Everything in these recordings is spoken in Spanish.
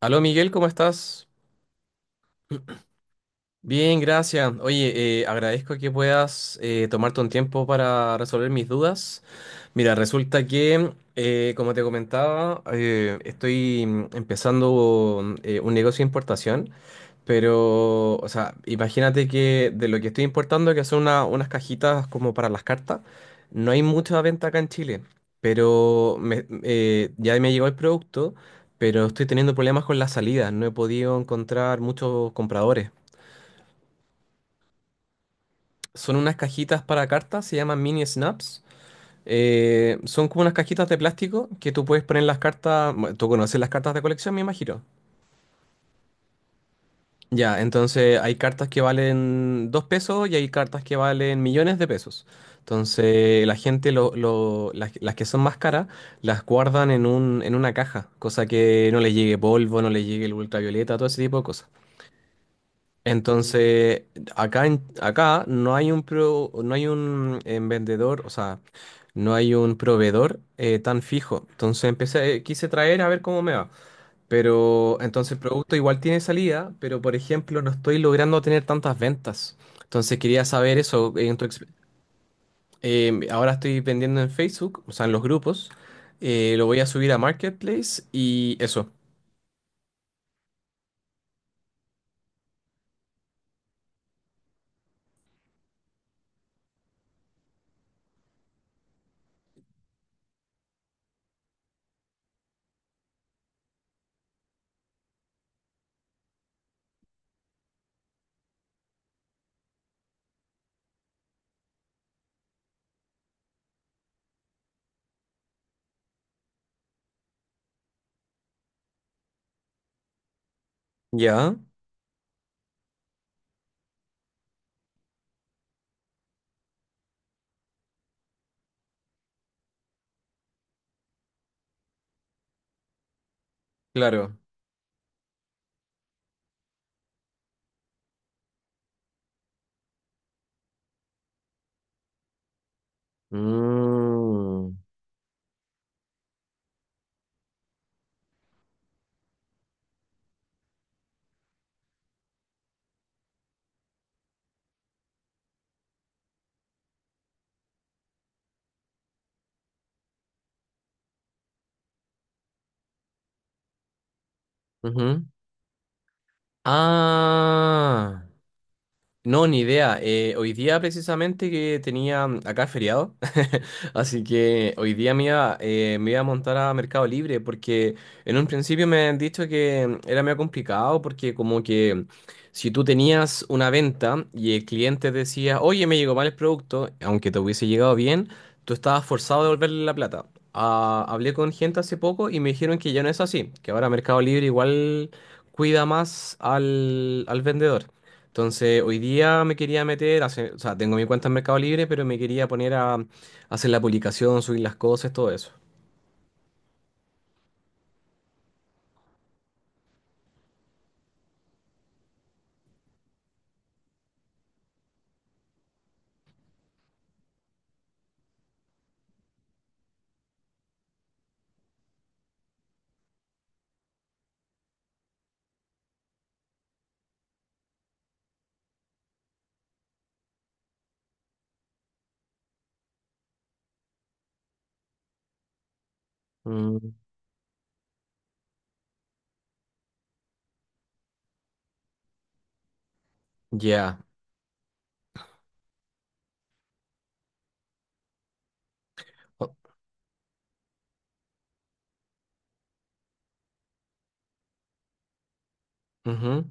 Aló Miguel, ¿cómo estás? Bien, gracias. Oye, agradezco que puedas tomarte un tiempo para resolver mis dudas. Mira, resulta que, como te comentaba, estoy empezando un negocio de importación. Pero, o sea, imagínate que de lo que estoy importando, que son unas cajitas como para las cartas, no hay mucha venta acá en Chile. Pero ya me llegó el producto, pero estoy teniendo problemas con las salidas. No he podido encontrar muchos compradores. Son unas cajitas para cartas, se llaman mini snaps. Son como unas cajitas de plástico que tú puedes poner las cartas. Bueno, tú conoces las cartas de colección, me imagino. Ya, entonces hay cartas que valen 2 pesos y hay cartas que valen millones de pesos. Entonces la gente, las que son más caras, las guardan en en una caja, cosa que no les llegue polvo, no les llegue el ultravioleta, todo ese tipo de cosas. Entonces, acá, acá no hay un vendedor, o sea, no hay un proveedor tan fijo. Entonces empecé, quise traer a ver cómo me va. Pero entonces el producto igual tiene salida, pero por ejemplo no estoy logrando tener tantas ventas. Entonces quería saber eso. Ahora estoy vendiendo en Facebook, o sea, en los grupos. Lo voy a subir a Marketplace y eso. Ya, claro. Mm, ujú. Ah. No, ni idea. Hoy día precisamente que tenía acá feriado, así que hoy día me iba a montar a Mercado Libre porque en un principio me han dicho que era medio complicado porque como que si tú tenías una venta y el cliente decía, oye, me llegó mal el producto, aunque te hubiese llegado bien, tú estabas forzado a devolverle la plata. Ah, hablé con gente hace poco y me dijeron que ya no es así, que ahora Mercado Libre igual cuida más al vendedor. Entonces, hoy día me quería meter, o sea, tengo mi cuenta en Mercado Libre, pero me quería poner a hacer la publicación, subir las cosas, todo eso. Mm, ya. O- Ujú.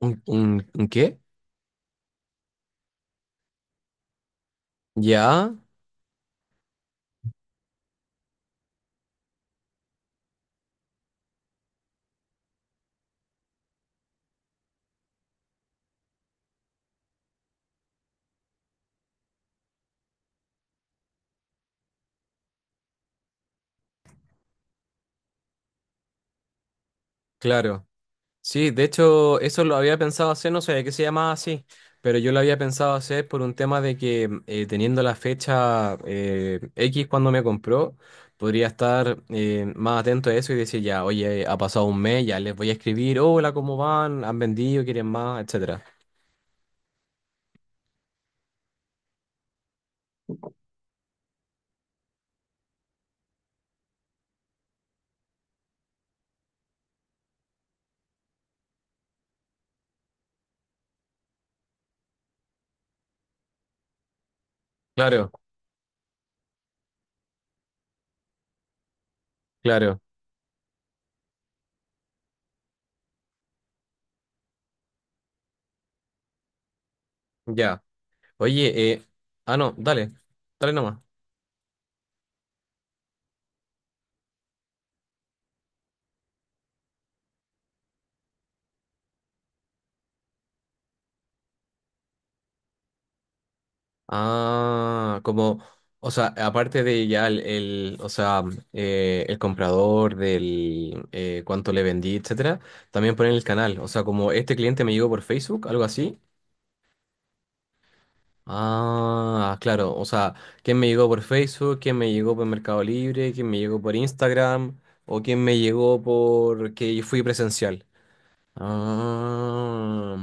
¿Un qué? Ya, claro. Sí, de hecho, eso lo había pensado hacer, no sabía que se llamaba así, pero yo lo había pensado hacer por un tema de que teniendo la fecha X cuando me compró, podría estar más atento a eso y decir ya, oye, ha pasado un mes, ya les voy a escribir, hola, ¿cómo van? ¿Han vendido? ¿Quieren más? Etcétera. Claro, claro, ya. Oye, ah, no, dale, dale nomás. Ah, como, o sea, aparte de ya o sea, el comprador del cuánto le vendí, etcétera, también ponen el canal, o sea, como este cliente me llegó por Facebook, algo así. Ah, claro, o sea, quién me llegó por Facebook, quién me llegó por Mercado Libre, quién me llegó por Instagram o quién me llegó por que fui presencial. Ah,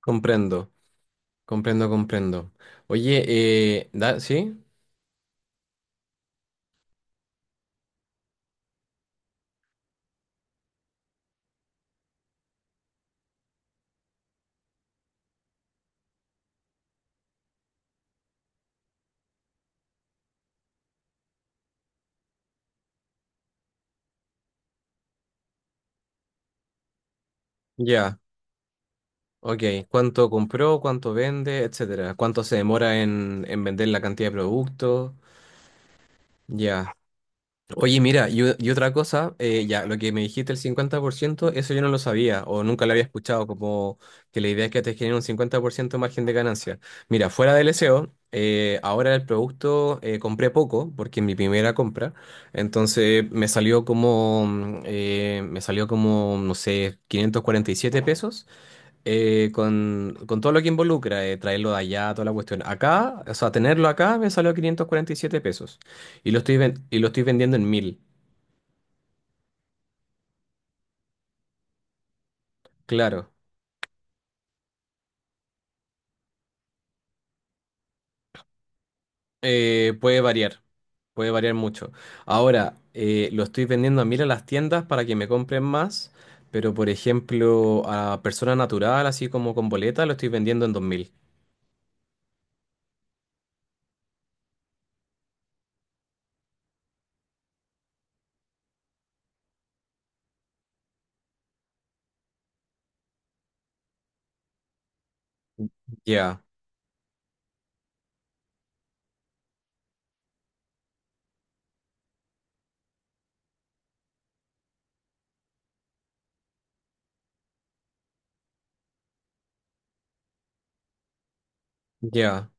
comprendo, comprendo, comprendo. Oye, ¿sí? Ya. Ok, ¿cuánto compró, cuánto vende, etcétera? ¿Cuánto se demora en vender la cantidad de productos? Ya. Oye, mira, y otra cosa, ya, lo que me dijiste, el 50%, eso yo no lo sabía o nunca lo había escuchado, como que la idea es que te genere un 50% de margen de ganancia. Mira, fuera del SEO, ahora el producto compré poco, porque en mi primera compra, entonces me salió como, no sé, 547 pesos con todo lo que involucra, traerlo de allá, toda la cuestión. Acá, o sea, tenerlo acá me salió 547 pesos. Y lo estoy vendiendo en 1.000. Claro. Puede variar, puede variar mucho. Ahora, lo estoy vendiendo a 1.000 a las tiendas para que me compren más, pero por ejemplo, a persona natural, así como con boleta, lo estoy vendiendo en 2.000. Ya, ya,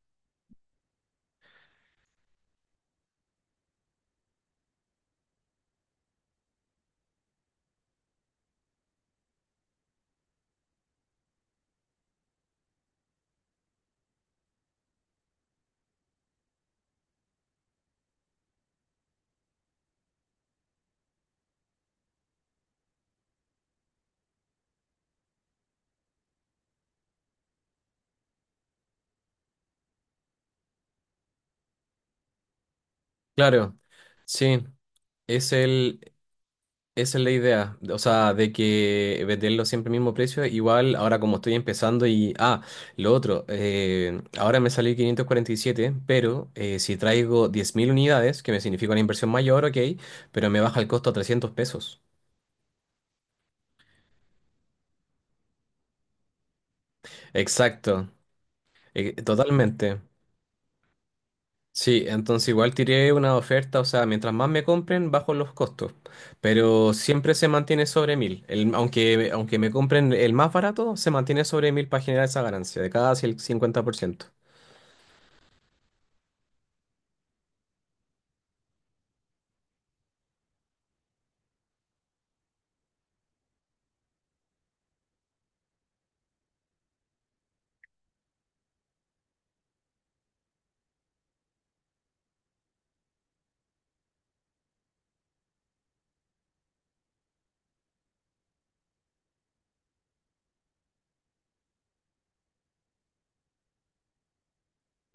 claro. Sí, es el, esa es la idea, o sea, de que venderlo siempre al mismo precio, igual ahora como estoy empezando y... Ah, lo otro, ahora me salió 547, pero si traigo 10.000 unidades, que me significa una inversión mayor, ok, pero me baja el costo a 300 pesos. Exacto, totalmente. Sí, entonces igual tiré una oferta, o sea, mientras más me compren, bajo los costos, pero siempre se mantiene sobre 1.000. Aunque me compren el más barato, se mantiene sobre 1.000 para generar esa ganancia de cada 50%.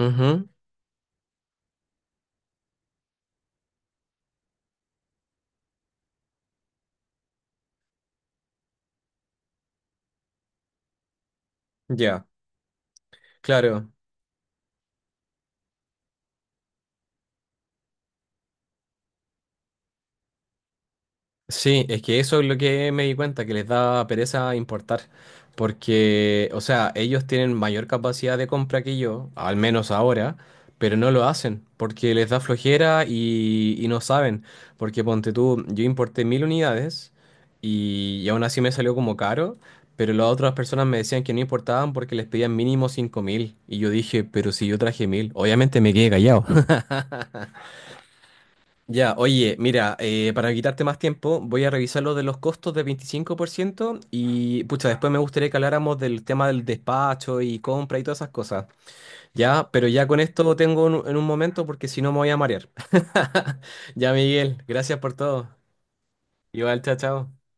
Ujú, ya, claro. Sí, es que eso es lo que me di cuenta, que les da pereza importar, porque, o sea, ellos tienen mayor capacidad de compra que yo, al menos ahora, pero no lo hacen, porque les da flojera y no saben, porque ponte tú, yo importé 1.000 unidades y aún así me salió como caro, pero las otras personas me decían que no importaban porque les pedían mínimo 5.000, y yo dije, pero si yo traje 1.000, obviamente me quedé callado. Ya, oye, mira, para quitarte más tiempo, voy a revisar lo de los costos de 25% y, pucha, después me gustaría que habláramos del tema del despacho y compra y todas esas cosas. Ya, pero ya con esto lo tengo en un momento porque si no me voy a marear. Ya, Miguel, gracias por todo. Igual, chao, chao.